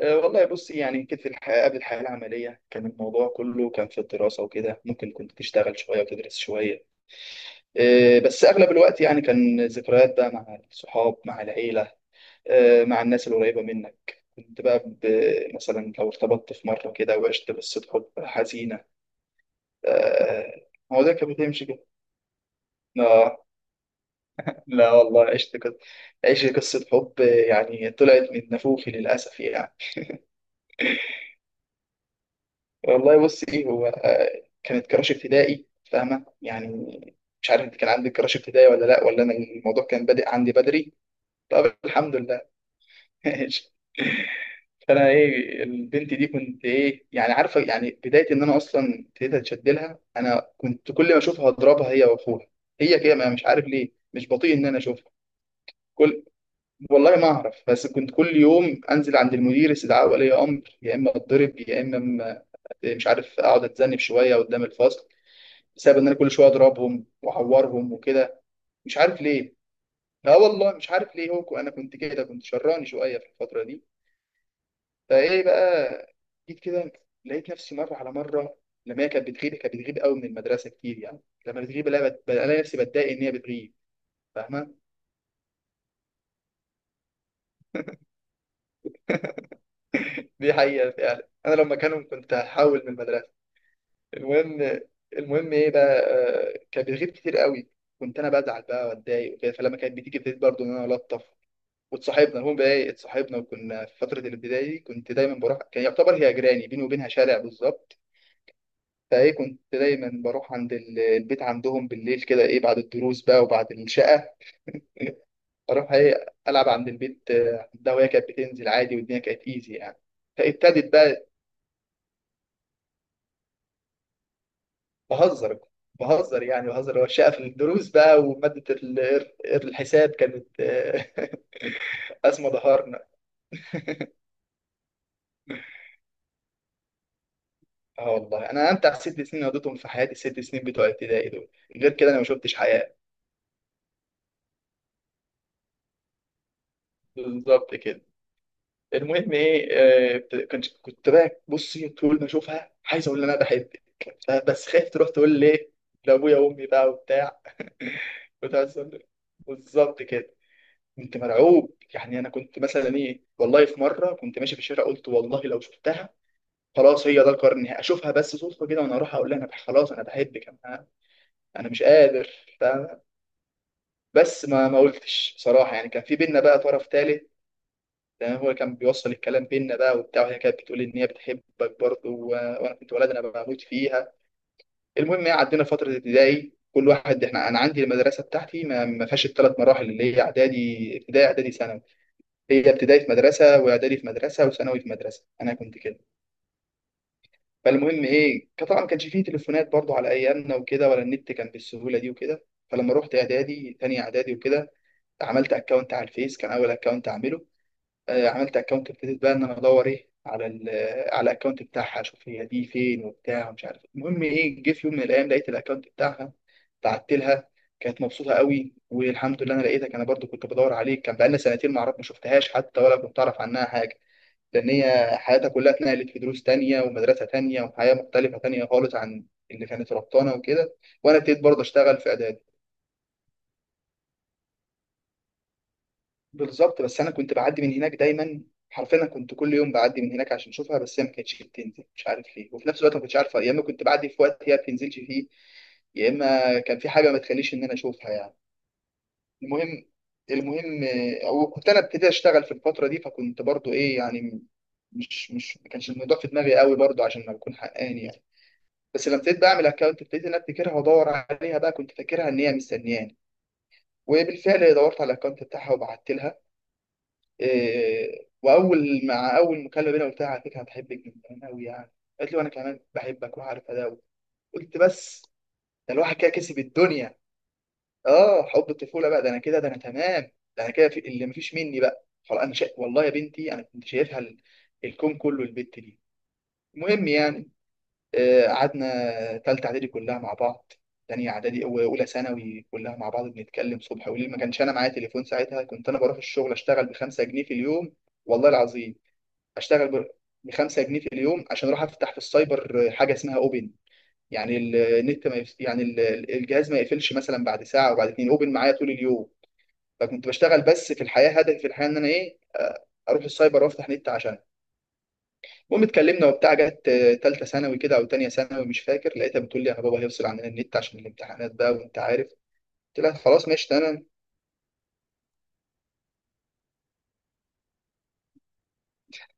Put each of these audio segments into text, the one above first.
والله بص يعني كانت في الحياة قبل الحياة العملية، كان الموضوع كله كان في الدراسة وكده. ممكن كنت تشتغل شوية وتدرس شوية. بس أغلب الوقت يعني كان ذكريات بقى مع الصحاب مع العيلة. مع الناس القريبة منك كنت بقى مثلا لو ارتبطت في مرة كده وعشت قصة حب حزينة. هو ده كان بتمشي كده. لا. لا والله عشت قصة حب يعني طلعت من نافوخي للأسف يعني. والله بصي هو كانت كراش ابتدائي، فاهمة يعني؟ مش عارف انت كان عندك كراش ابتدائي ولا لا، ولا انا الموضوع كان بادئ عندي بدري. طب الحمد لله. ماشي. فانا ايه البنت دي كنت ايه يعني عارفة، يعني بداية ان انا اصلا ابتديت اتشد لها، انا كنت كل ما اشوفها اضربها هي واخوها. هي كده مش عارف ليه، مش بطيء ان انا اشوفها. كل والله ما اعرف، بس كنت كل يوم انزل عند المدير استدعاء ولي امر، يا اما اتضرب يا اما مش عارف اقعد اتذنب شويه قدام الفصل، بسبب ان انا كل شويه اضربهم واعورهم وكده. مش عارف ليه. لا والله مش عارف ليه، هو انا كنت كده، كنت شراني شويه في الفتره دي. فايه بقى، جيت كده لقيت نفسي مره على مره، لما هي كانت بتغيب قوي من المدرسه كتير يعني. لما بتغيب الاقي الاقي نفسي بتضايق ان هي بتغيب. فاهمه، دي حقيقه فعلا، انا لما كانوا كنت هحول من المدرسه. المهم المهم ايه بقى، كانت بتغيب كتير قوي، كنت انا بزعل بقى واتضايق وكده. فلما كانت بتيجي ابتديت برضه ان انا الطف، واتصاحبنا. المهم بقى ايه، اتصاحبنا وكنا في فتره الابتدائي دي كنت دايما بروح، كان يعتبر هي جيراني، بيني وبينها شارع بالظبط. فايه، كنت دايما بروح عند البيت عندهم بالليل كده، ايه بعد الدروس بقى وبعد الشقه. اروح ايه العب عند البيت، عندها، وهي كانت بتنزل عادي والدنيا كانت ايزي يعني. فابتدت بقى بهزر. بهزر يعني بهزر، هو الشقه في الدروس بقى. وماده الحساب كانت أزمة ظهرنا. اه والله انا امتع 6 سنين قضيتهم في حياتي الست سنين بتوع ابتدائي دول. غير كده انا ما شفتش حياه. بالظبط كده. المهم ايه، كنت بقى بصي طول ما اشوفها عايز اقول لها انا بحبك، بس خايف تروح تقول ليه لابويا وامي بقى وبتاع. كنت عايز أقول لك. بالظبط كده، كنت مرعوب يعني. انا كنت مثلا ايه والله في مره كنت ماشي في الشارع قلت والله لو شفتها خلاص هي ده القرار النهائي، اشوفها بس صدفه كده وانا اروح اقول لها انا خلاص انا بحبك انا. انا مش قادر. فاهمة؟ بس ما قلتش بصراحه يعني. كان في بينا بقى طرف ثالث، لان هو كان بيوصل الكلام بينا بقى وبتاع. وهي كانت بتقول ان هي بتحبك برضه، وانا كنت ولد انا بموت فيها. المهم يعني عدينا فتره ابتدائي كل واحد. احنا انا عندي المدرسه بتاعتي ما فيهاش الثلاث مراحل اللي هي اعدادي ابتدائي اعدادي ثانوي. هي ابتدائي في مدرسه واعدادي في مدرسه وثانوي في مدرسه، انا كنت كده. فالمهم ايه، كان طبعا ما كانش فيه تليفونات برضه على ايامنا وكده، ولا النت كان بالسهوله دي وكده. فلما رحت اعدادي، تاني اعدادي وكده، عملت اكونت على الفيس، كان اول اكونت اعمله. عملت اكونت، ابتديت بقى ان انا ادور ايه على على الاكونت بتاعها اشوف هي دي فين وبتاع ومش عارف إيه. المهم ايه، جه في يوم من الايام لقيت الاكونت بتاعها، بعت لها. كانت مبسوطه قوي، والحمد لله انا لقيتك، انا برضو كنت بدور عليك. كان بقالنا سنتين ما اعرف، ما شفتهاش حتى ولا كنت اعرف عنها حاجه، لان هي حياتها كلها اتنقلت في دروس تانية ومدرسه تانية وحياه مختلفه تانية خالص عن اللي كانت ربطانه وكده. وانا ابتديت برضه اشتغل في اعداد. بالظبط، بس انا كنت بعدي من هناك دايما. حرفيا أنا كنت كل يوم بعدي من هناك عشان اشوفها، بس هي ما كانتش بتنزل، مش عارف ليه. وفي نفس الوقت ما كنتش عارفه، يا اما كنت بعدي في وقت هي ما بتنزلش فيه، يا اما كان في حاجه ما تخليش ان انا اشوفها يعني. المهم. المهم وكنت انا ابتديت اشتغل في الفتره دي، فكنت برضو ايه يعني، مش ما كانش الموضوع في دماغي قوي برضو عشان ما اكون حقاني يعني. بس لما ابتديت بقى اعمل اكونت، ابتديت ان انا افتكرها وادور عليها بقى، كنت فاكرها ان هي مستنياني. وبالفعل دورت على الاكونت بتاعها وبعت لها. واول مع اول مكالمه بينا قلت لها على فكره أنا بحبك من زمان قوي يعني. قالت لي وانا كمان بحبك وعارفه ده. قلت بس ده الواحد كده كسب الدنيا. اه حب الطفوله بقى، ده انا كده ده انا تمام. ده انا كده في اللي مفيش مني بقى، خلاص انا والله يا بنتي انا كنت شايفها الكون كله البت دي. المهم يعني قعدنا تالتة اعدادي كلها مع بعض. تانية اعدادي واولى ثانوي كلها مع بعض بنتكلم صبح وليل. ما كانش انا معايا تليفون ساعتها. كنت انا بروح الشغل اشتغل بخمسة جنيه في اليوم، والله العظيم. اشتغل ب 5 جنيه في اليوم عشان اروح افتح في السايبر حاجه اسمها اوبن، يعني النت ما يف... يعني الجهاز ما يقفلش مثلا بعد ساعه وبعد 2، اوبن معايا طول اليوم. فكنت بشتغل، بس في الحياه هدفي في الحياه ان انا ايه، اروح السايبر وافتح نت عشان. المهم اتكلمنا وبتاع، جت تالتة ثانوي كده او تانية ثانوي مش فاكر، لقيتها بتقول لي انا بابا هيفصل عننا النت عشان الامتحانات بقى وانت عارف. قلت لها خلاص ماشي تمام.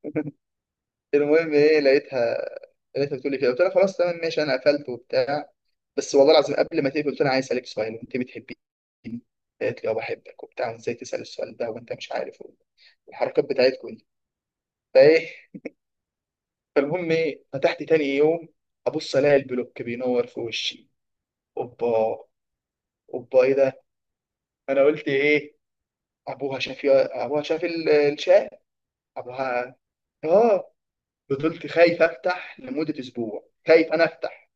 المهم ايه، لقيتها بتقول لي كده، قلت لها خلاص تمام ماشي، انا قفلت وبتاع. بس والله العظيم قبل ما تقفل قلت انا عايز اسالك سؤال، وانت بتحبيني؟ قالت لي اه بحبك وبتاع، وازاي تسال السؤال ده وانت مش عارف الحركات بتاعتكم دي. فايه، فالمهم ايه، فتحت تاني يوم ابص الاقي البلوك بينور في وشي. اوبا، اوبا ايه ده، انا قلت ايه؟ ابوها شاف، ابوها شاف الشات. ابوها. اه. فضلت خايف افتح لمده اسبوع، خايف انا افتح.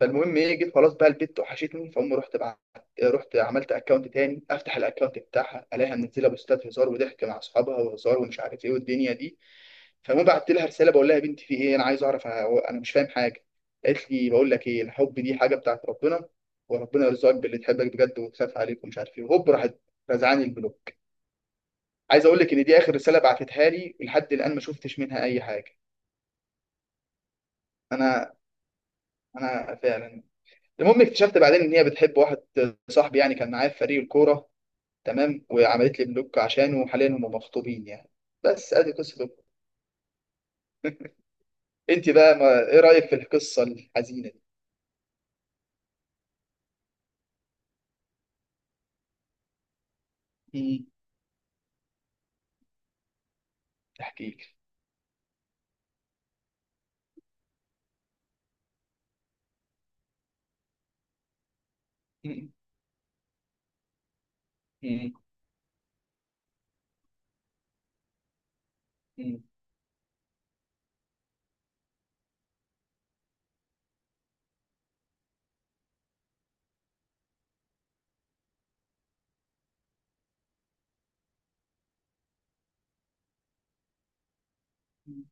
فالمهم ايه، جيت خلاص بقى البت وحشتني، فأم رحت بعت. رحت عملت اكونت تاني، افتح الاكونت بتاعها الاقيها منزله بوستات هزار وضحك مع اصحابها وهزار ومش عارف ايه والدنيا دي. فالمهم بعت لها رساله بقول لها يا بنتي في ايه، انا عايز اعرف أنا مش فاهم حاجه. قالت لي بقول لك ايه، الحب دي حاجه بتاعت ربنا، وربنا يرزقك باللي تحبك بجد وتخاف عليك ومش عارف ايه. وهوب راحت رزعاني البلوك. عايز اقول لك ان دي اخر رساله بعتتها لي، لحد الان ما شفتش منها اي حاجه. انا انا فعلا. المهم اكتشفت بعدين ان هي بتحب واحد صاحبي يعني، كان معايا في فريق الكوره. تمام، وعملت لي بلوك عشانه، وحاليا هم مخطوبين يعني. بس ادي قصة بلوك. انت بقى ما... ايه رأيك في القصة الحزينة دي؟ مم. احكي لك. مم. مم. مم. مم.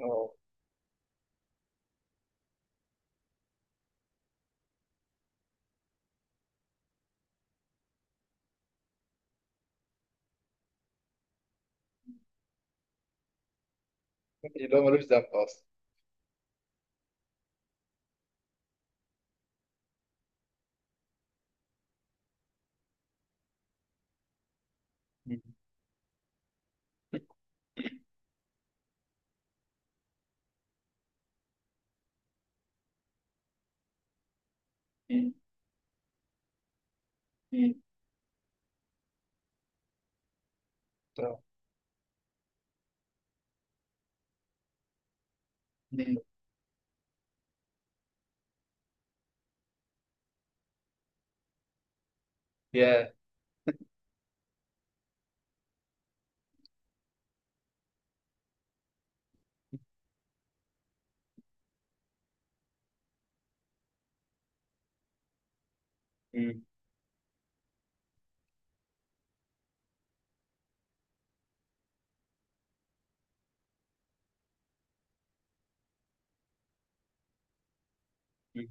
اه. اللي هو ملوش ذنب اصلا. مم. مم. مم. آه. مم. يا. مم. مم.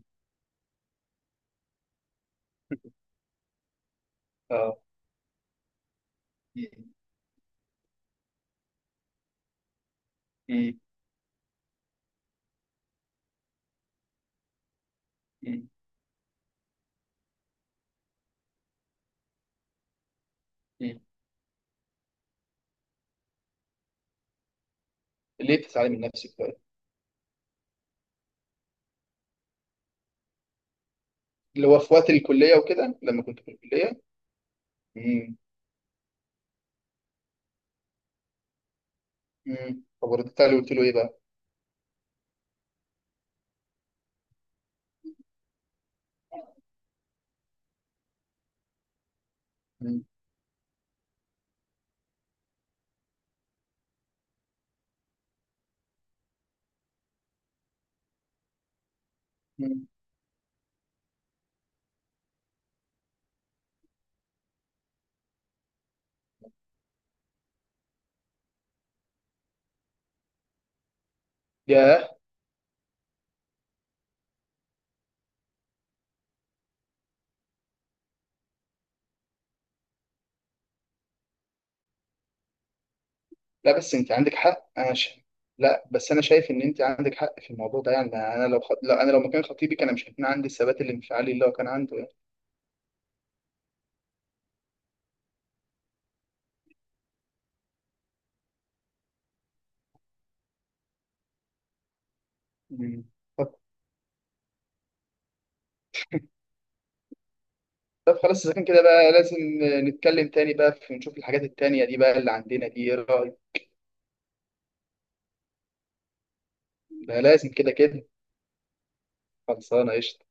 اه. مم. مم. مم. ليه بتزعلي من نفسك بقى؟ اللي هو في وقت الكلية وكده لما كنت في الكلية. مم. مم. فبردت عليه وقلت له ايه بقى؟ مم. مم. يا. لا بس انت عندك حق انا لا بس انا شايف ان انت عندك حق في الموضوع ده يعني. يعني انا لو لا انا لو مكان خطيبي كان مش هيكون عندي الثبات الانفعالي اللي هو كان عنده يعني. مم. طب طب خلاص اذا كان كده بقى لازم نتكلم تاني بقى، في نشوف الحاجات التانية دي بقى اللي عندنا دي، ايه رايك؟ ده لازم كده كده. خلصانه قشطه.